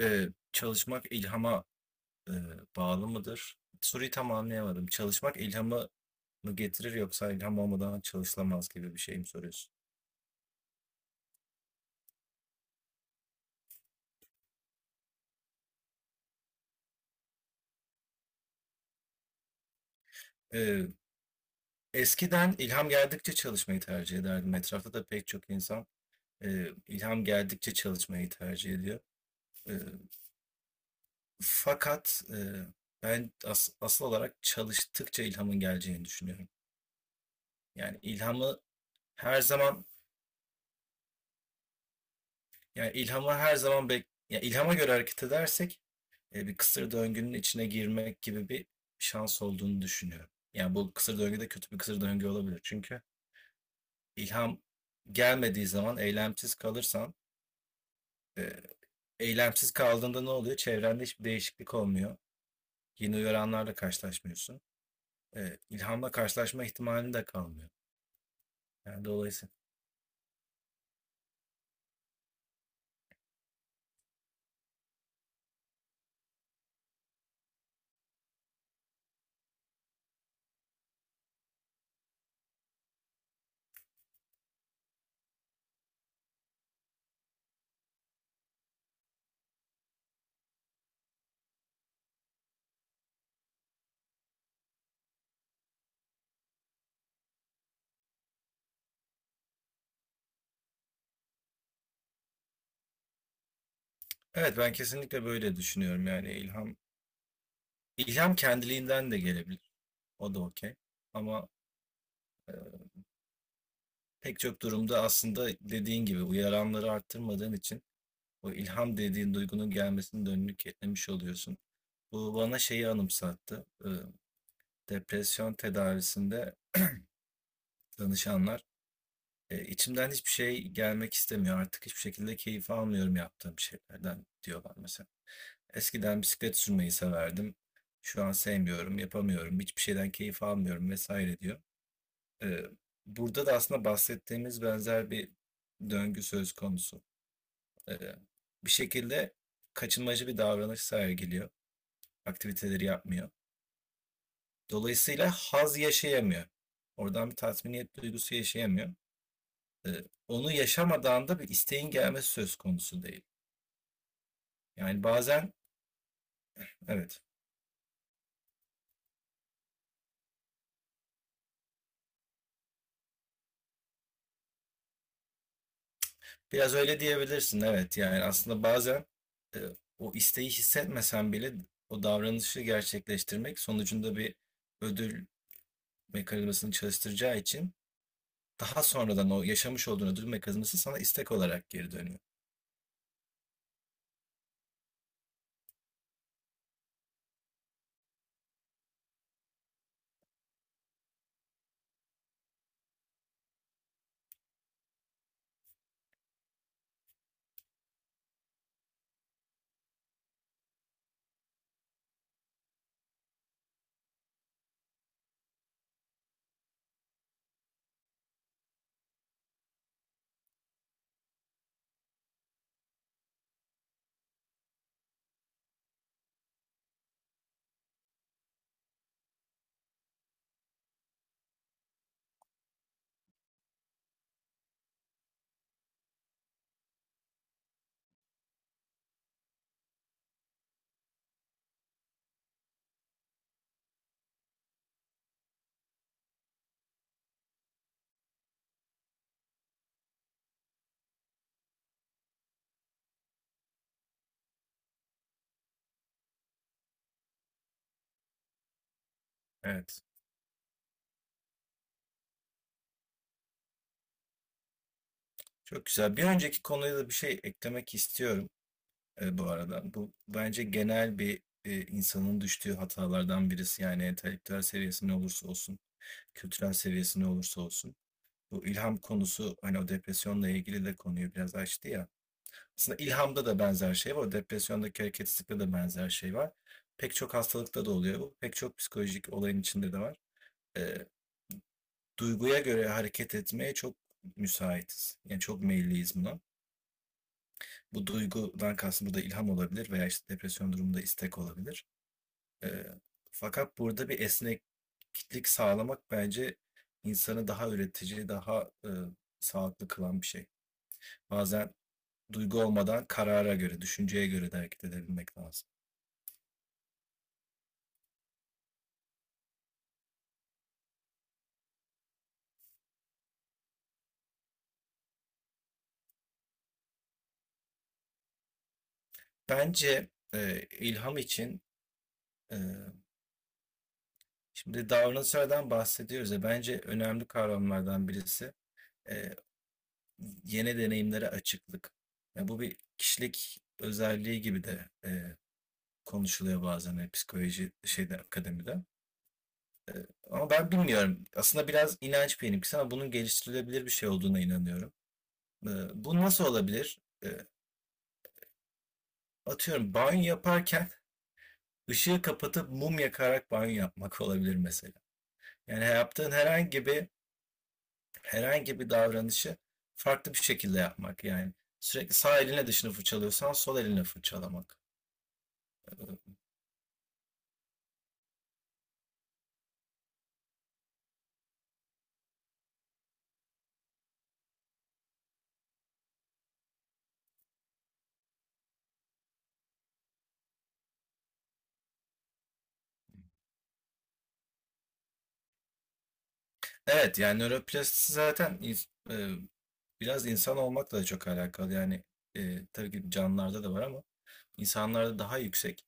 Çalışmak ilhama, eee, bağlı mıdır? Soruyu tam anlayamadım. Çalışmak ilhamı mı getirir yoksa ilham olmadan çalışılamaz gibi bir şey mi soruyorsun? Eee, Eskiden ilham geldikçe çalışmayı tercih ederdim. Etrafta da pek çok insan, ilham geldikçe çalışmayı tercih ediyor. Eee, fakat, eee, ben asıl olarak çalıştıkça ilhamın geleceğini düşünüyorum. Yani ilhamı her zaman Yani ilhamı her zaman ya ilhama göre hareket edersek bir kısır döngünün içine girmek gibi bir şans olduğunu düşünüyorum. Yani, bu kısır döngü de kötü bir kısır döngü olabilir. Çünkü ilham gelmediği zaman eylemsiz kalırsan, eee, eylemsiz kaldığında ne oluyor? Çevrende hiçbir değişiklik olmuyor. Yeni uyaranlarla karşılaşmıyorsun. İlhamla karşılaşma ihtimalin de kalmıyor. Yani, dolayısıyla evet, ben kesinlikle böyle düşünüyorum. Yani, ilham kendiliğinden de gelebilir. O da okay. Ama pek çok durumda aslında dediğin gibi uyaranları arttırmadığın için o ilham dediğin duygunun gelmesini de önünü kilitlemiş oluyorsun. Bu bana şeyi anımsattı. Depresyon tedavisinde danışanlar "E, içimden hiçbir şey gelmek istemiyor. Artık hiçbir şekilde keyif almıyorum yaptığım şeylerden," diyorlar mesela. Eskiden bisiklet sürmeyi severdim. Şu an sevmiyorum, yapamıyorum. Hiçbir şeyden keyif almıyorum vesaire diyor. Ee, Burada da aslında bahsettiğimiz benzer bir döngü söz konusu. Ee, Bir şekilde kaçınmacı bir davranış sergiliyor, aktiviteleri yapmıyor. Dolayısıyla haz yaşayamıyor. Oradan bir tatminiyet duygusu yaşayamıyor. Onu yaşamadan da bir isteğin gelmesi söz konusu değil. Yani bazen evet, biraz öyle diyebilirsin, evet. Yani aslında bazen e, o isteği hissetmesen bile o davranışı gerçekleştirmek sonucunda bir ödül mekanizmasını çalıştıracağı için daha sonradan o yaşamış olduğun ödül mekanizması sana istek olarak geri dönüyor. Evet. Çok güzel. Bir önceki konuya da bir şey eklemek istiyorum. Bu arada, bu bence genel bir, insanın düştüğü hatalardan birisi. Yani entelektüel seviyesi ne olursa olsun, kültürel seviyesi ne olursa olsun. Bu ilham konusu hani o depresyonla ilgili de konuyu biraz açtı ya. Aslında ilhamda da benzer şey var. Depresyondaki hareketsizlikte de benzer şey var. Pek çok hastalıkta da oluyor bu. Pek çok psikolojik olayın içinde de var. Eee, Duyguya göre hareket etmeye çok müsaitiz. Yani çok meyilliyiz buna. Bu duygudan kastım burada ilham olabilir veya işte depresyon durumunda istek olabilir. Ee, Fakat burada bir esneklik sağlamak bence insanı daha üretici, daha sağlıklı kılan bir şey. Bazen duygu olmadan karara göre, düşünceye göre de hareket edebilmek lazım. Bence ilham için, e, şimdi davranışlardan bahsediyoruz ya, bence önemli kavramlardan birisi e, yeni deneyimlere açıklık. Ya bu bir kişilik özelliği gibi de konuşuluyor bazen, psikoloji şeyde, akademide. Ama ben bilmiyorum. Aslında biraz inanç benimkisi ama bunun geliştirilebilir bir şey olduğuna inanıyorum. Ee, Bu nasıl olabilir? Atıyorum, banyo yaparken ışığı kapatıp mum yakarak banyo yapmak olabilir mesela. Yani yaptığın herhangi bir davranışı farklı bir şekilde yapmak. Yani sürekli sağ eline dışını fırçalıyorsan sol eline fırçalamak. Ee, Evet, yani nöroplastisi zaten biraz insan olmakla da çok alakalı. Yani tabii ki canlılarda da var ama insanlarda daha yüksek.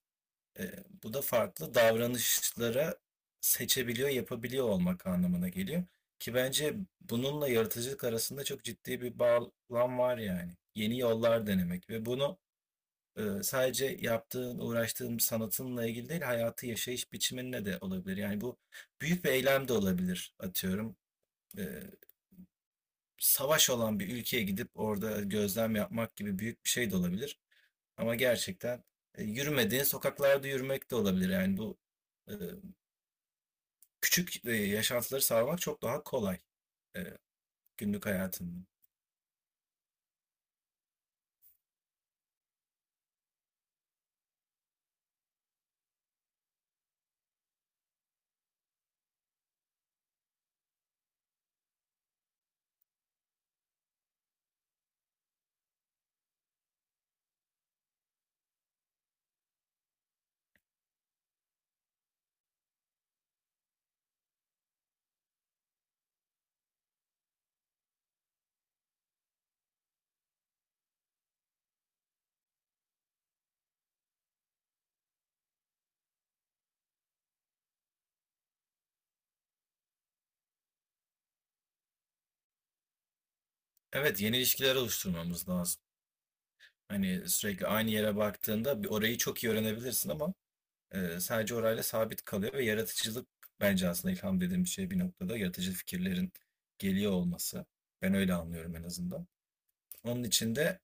E, Bu da farklı davranışlara seçebiliyor, yapabiliyor olmak anlamına geliyor. Ki bence bununla yaratıcılık arasında çok ciddi bir bağlam var yani. Yeni yollar denemek ve bunu sadece yaptığın, uğraştığın sanatınla ilgili değil, hayatı yaşayış biçiminle de olabilir. Yani bu büyük bir eylem de olabilir, atıyorum. E, Savaş olan bir ülkeye gidip orada gözlem yapmak gibi büyük bir şey de olabilir. Ama gerçekten yürümediğin sokaklarda yürümek de olabilir. Yani bu e, küçük, yaşantıları sarmak çok daha kolay, eee, günlük hayatında. Evet, yeni ilişkiler oluşturmamız lazım. Hani, sürekli aynı yere baktığında bir orayı çok iyi öğrenebilirsin ama, sadece orayla sabit kalıyor ve yaratıcılık, bence aslında ilham dediğimiz şey bir noktada yaratıcı fikirlerin geliyor olması. Ben öyle anlıyorum en azından. Onun için de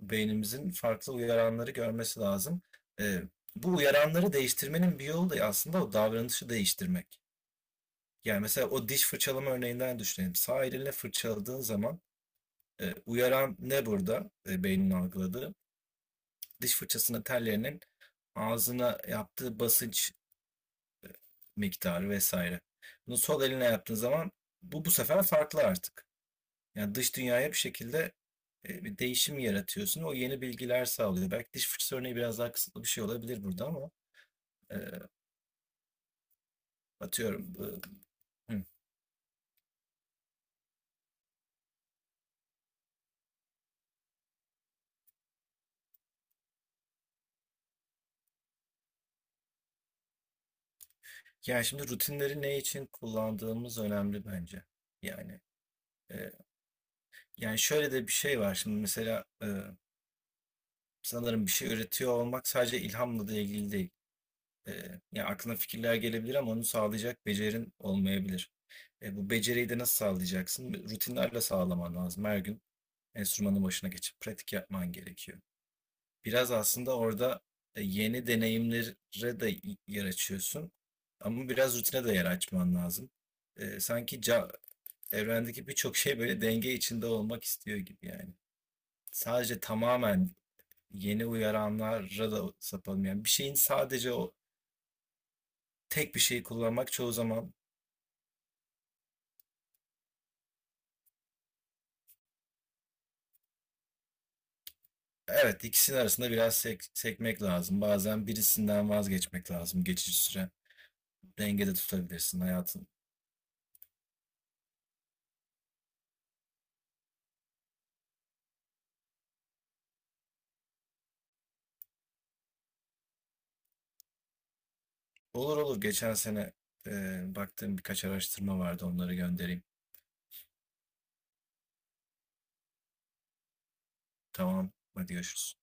beynimizin farklı uyaranları görmesi lazım. Eee, Bu uyaranları değiştirmenin bir yolu da aslında o davranışı değiştirmek. Yani mesela o diş fırçalama örneğinden düşünelim. Sağ elinle fırçaladığın zaman uyaran ne burada, beynin algıladığı? Diş fırçasının tellerinin ağzına yaptığı basınç miktarı vesaire. Bunu sol eline yaptığın zaman bu sefer farklı artık. Yani dış dünyaya bir şekilde bir değişim yaratıyorsun. O yeni bilgiler sağlıyor. Belki diş fırçası örneği biraz daha kısıtlı bir şey olabilir burada ama e, atıyorum. e, hı. Yani şimdi rutinleri ne için kullandığımız önemli bence. Yani e, Yani şöyle de bir şey var şimdi mesela, sanırım bir şey üretiyor olmak sadece ilhamla da ilgili değil. E, Yani aklına fikirler gelebilir ama onu sağlayacak becerin olmayabilir. Bu beceriyi de nasıl sağlayacaksın? Rutinlerle sağlaman lazım. Her gün enstrümanın başına geçip pratik yapman gerekiyor. Biraz aslında orada yeni deneyimlere de yer açıyorsun. Ama biraz rutine de yer açman lazım. E, sanki ca- evrendeki birçok şey böyle denge içinde olmak istiyor gibi yani. Sadece tamamen yeni uyaranlara da sapalım. Yani bir şeyin sadece o tek bir şeyi kullanmak çoğu zaman evet, ikisinin arasında biraz sekmek lazım. Bazen birisinden vazgeçmek lazım geçici süre. Dengede tutabilirsin hayatın. Olur, olur, geçen sene baktığım birkaç araştırma vardı, onları göndereyim. Tamam, hadi görüşürüz.